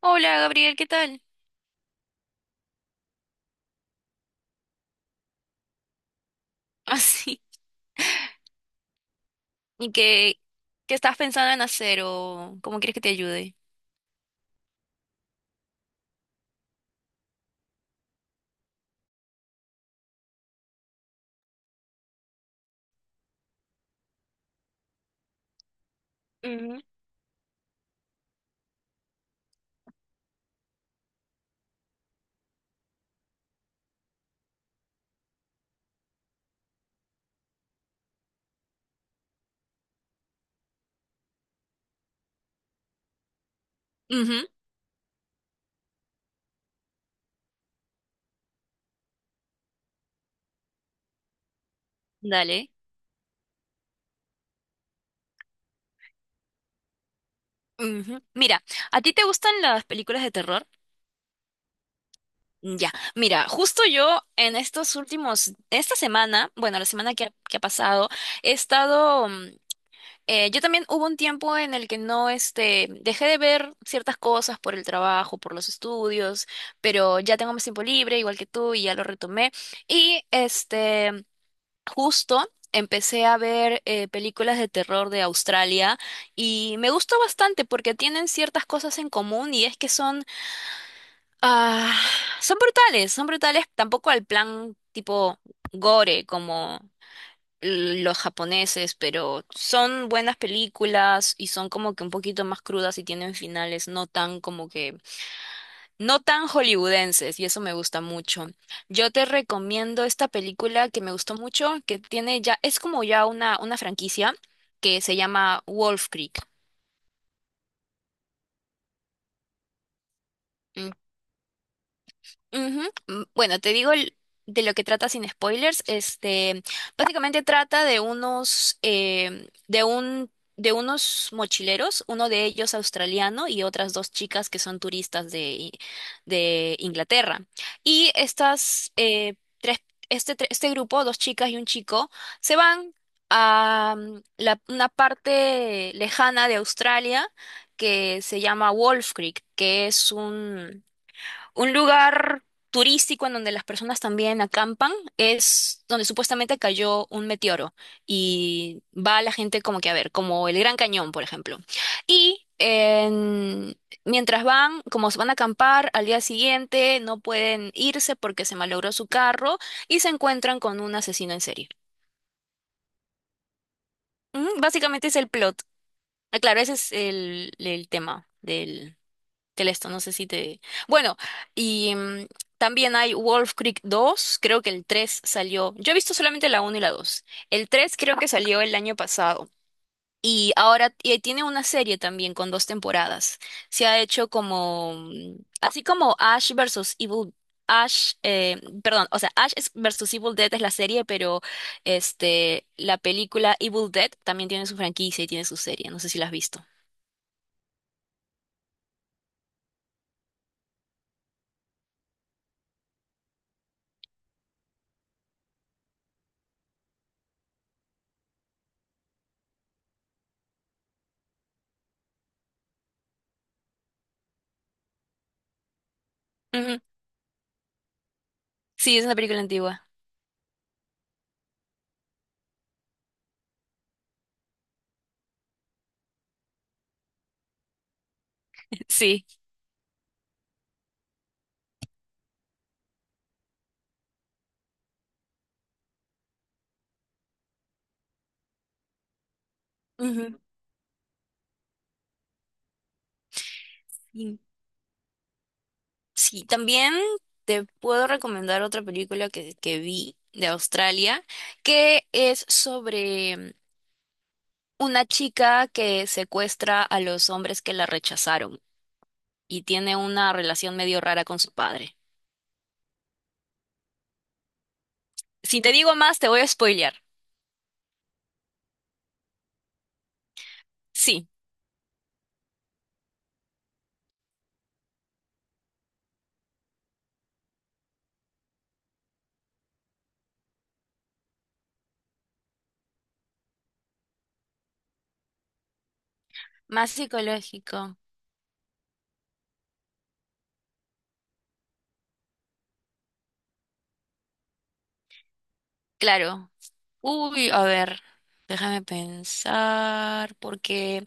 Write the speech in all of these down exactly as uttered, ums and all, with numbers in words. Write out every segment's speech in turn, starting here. Hola Gabriel, ¿qué tal? Así. ¿Y qué, qué estás pensando en hacer o cómo quieres que te ayude? Ujú. Ujú. Dale. Ujú. Mira, ¿a ti te gustan las películas de terror? Ya, mira, justo yo en estos últimos, esta semana, bueno, la semana que ha, que ha pasado, he estado, mm, eh, yo también hubo un tiempo en el que no, este, dejé de ver ciertas cosas por el trabajo, por los estudios, pero ya tengo más tiempo libre, igual que tú, y ya lo retomé. Y este... Justo empecé a ver eh, películas de terror de Australia y me gustó bastante porque tienen ciertas cosas en común y es que son, ah, son brutales, son brutales tampoco al plan tipo gore como l- los japoneses, pero son buenas películas y son como que un poquito más crudas y tienen finales no tan como que no tan hollywoodenses, y eso me gusta mucho. Yo te recomiendo esta película que me gustó mucho, que tiene ya, es como ya una, una franquicia que se llama Wolf Creek. Ujú. Mm, Bueno, te digo el- de lo que trata sin spoilers. Este, básicamente trata de unos, eh, de un, de unos mochileros, uno de ellos australiano y otras dos chicas que son turistas de, I- de Inglaterra. Y estas eh, tres, este, tre- este grupo, dos chicas y un chico, se van a mm, la- una parte lejana de Australia que se llama Wolf Creek, que es un un lugar turístico en donde las personas también acampan, es donde supuestamente cayó un meteoro y va la gente como que a ver, como el Gran Cañón, por ejemplo. Y en- Mientras van, como se van a acampar, al día siguiente no pueden irse porque se malogró su carro y se encuentran con un asesino en serie. Ujú, básicamente es el plot. Ah, claro, ese es el, el tema del que esto, no sé si te... Bueno, y mm, también hay Wolf Creek dos, creo que el tres salió. Yo he visto solamente la uno y la dos. El tres creo que salió el año pasado. Y ahora y tiene una serie también con dos temporadas. Se ha hecho como... mm, así como Ash versus Evil... Ash, eh, perdón, o sea, Ash es- versus Evil Dead es la serie, pero este, la película Evil Dead también tiene su franquicia y tiene su serie. No sé si la has visto. Ujú. Sí, es una película antigua. Sí. Y sí, también te puedo recomendar otra película que, que vi de Australia, que es sobre una chica que secuestra a los hombres que la rechazaron y tiene una relación medio rara con su padre. Si te digo más, te voy a spoilear. Sí, más psicológico. Claro. Uy, a ver, déjame pensar, porque...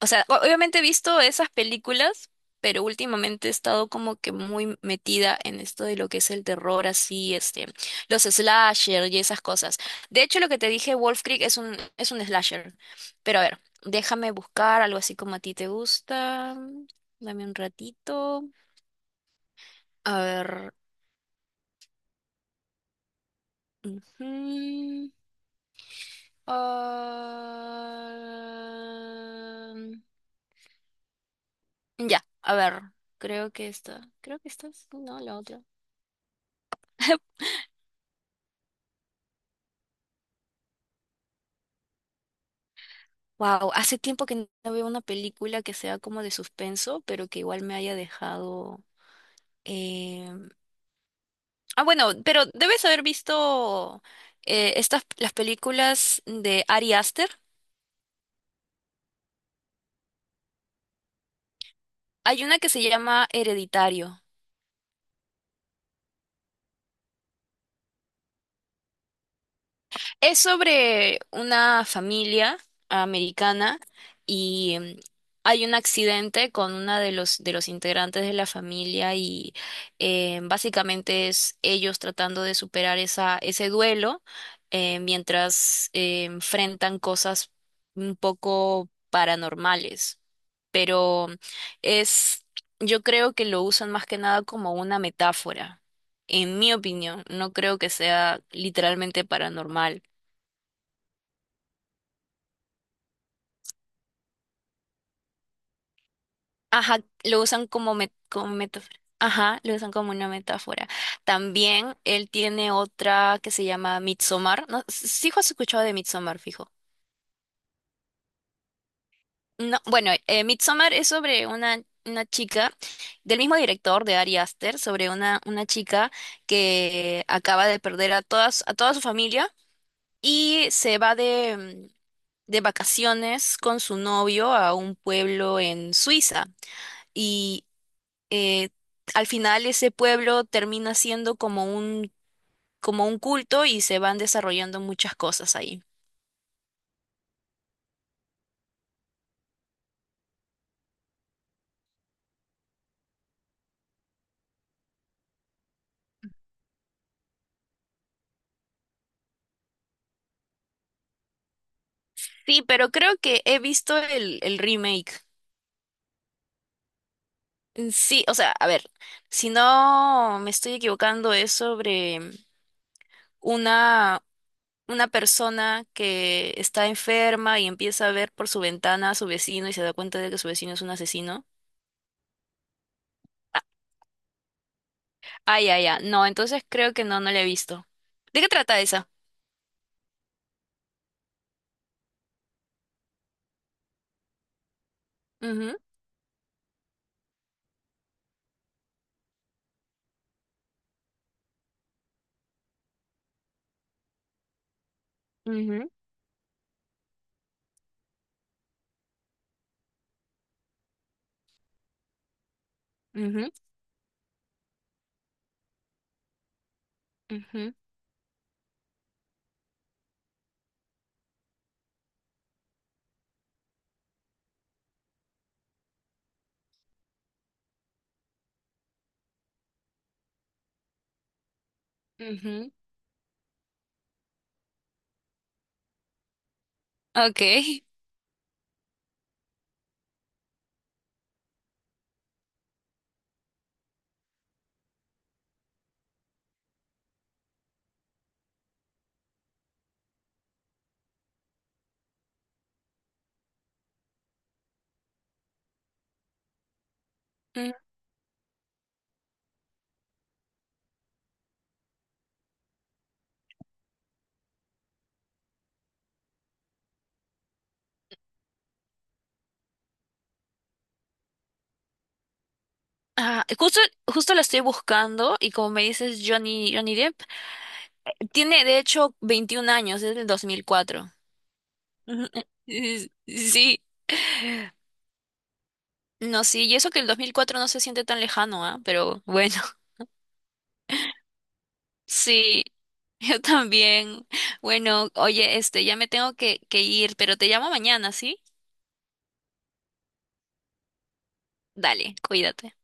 O sea, o- obviamente he visto esas películas, pero últimamente he estado como que muy metida en esto de lo que es el terror, así, este, los slasher y esas cosas. De hecho, lo que te dije, Wolf Creek es un, es un slasher. Pero a ver, déjame buscar algo así como a ti te gusta. Dame un ratito. A ver. ujú, ah, Ya, a ver. Creo que esta. Creo que esta. es- No, la otra. Wow, hace tiempo que no veo una película que sea como de suspenso, pero que igual me haya dejado. eh, Ah, bueno, pero debes haber visto eh, estas las películas de Ari Aster. Hay una que se llama Hereditario. Es sobre una familia americana y mm, hay un accidente con una de los de los integrantes de la familia y, eh, básicamente es ellos tratando de superar esa ese duelo, eh, mientras eh, enfrentan cosas un poco paranormales. Pero es, yo creo que lo usan más que nada como una metáfora. En mi opinión, no creo que sea literalmente paranormal. Ajá, lo usan como, met- como metáfora. Ajá, lo usan como una metáfora. También él tiene otra que se llama Midsommar. No, sí has escuchado de Midsommar, fijo. No, bueno, eh, Midsommar es sobre una, una chica del mismo director de Ari Aster, sobre una, una chica que acaba de perder a todas, a toda su familia y se va de, mm, de vacaciones con su novio a un pueblo en Suiza. eh, Al final ese pueblo termina siendo como un, como un culto y se van desarrollando muchas cosas ahí. Sí, pero creo que he visto el, el remake. Mm, Sí, o sea, a ver, si no me estoy equivocando, es sobre una, una persona que está enferma y empieza a ver por su ventana a su vecino y se da cuenta de que su vecino es un asesino. Ah, ah, ya, ya. No, entonces creo que no, no la he visto. ¿De qué trata esa? Ujú, ujú, ujú, ujú. Ujú. Ok. Mm, Ah, justo, justo la estoy buscando y como me dices Johnny, Johnny Depp, tiene de hecho veintiún años, es del dos mil cuatro. Ujú. eh, Sí, sí. No, sí, y eso que el dos mil cuatro no se siente tan lejano, ¿ah? Pero bueno, sí, yo también. Bueno, oye, este, ya me tengo que, que ir, pero te llamo mañana, ¿sí? Dale, cuídate.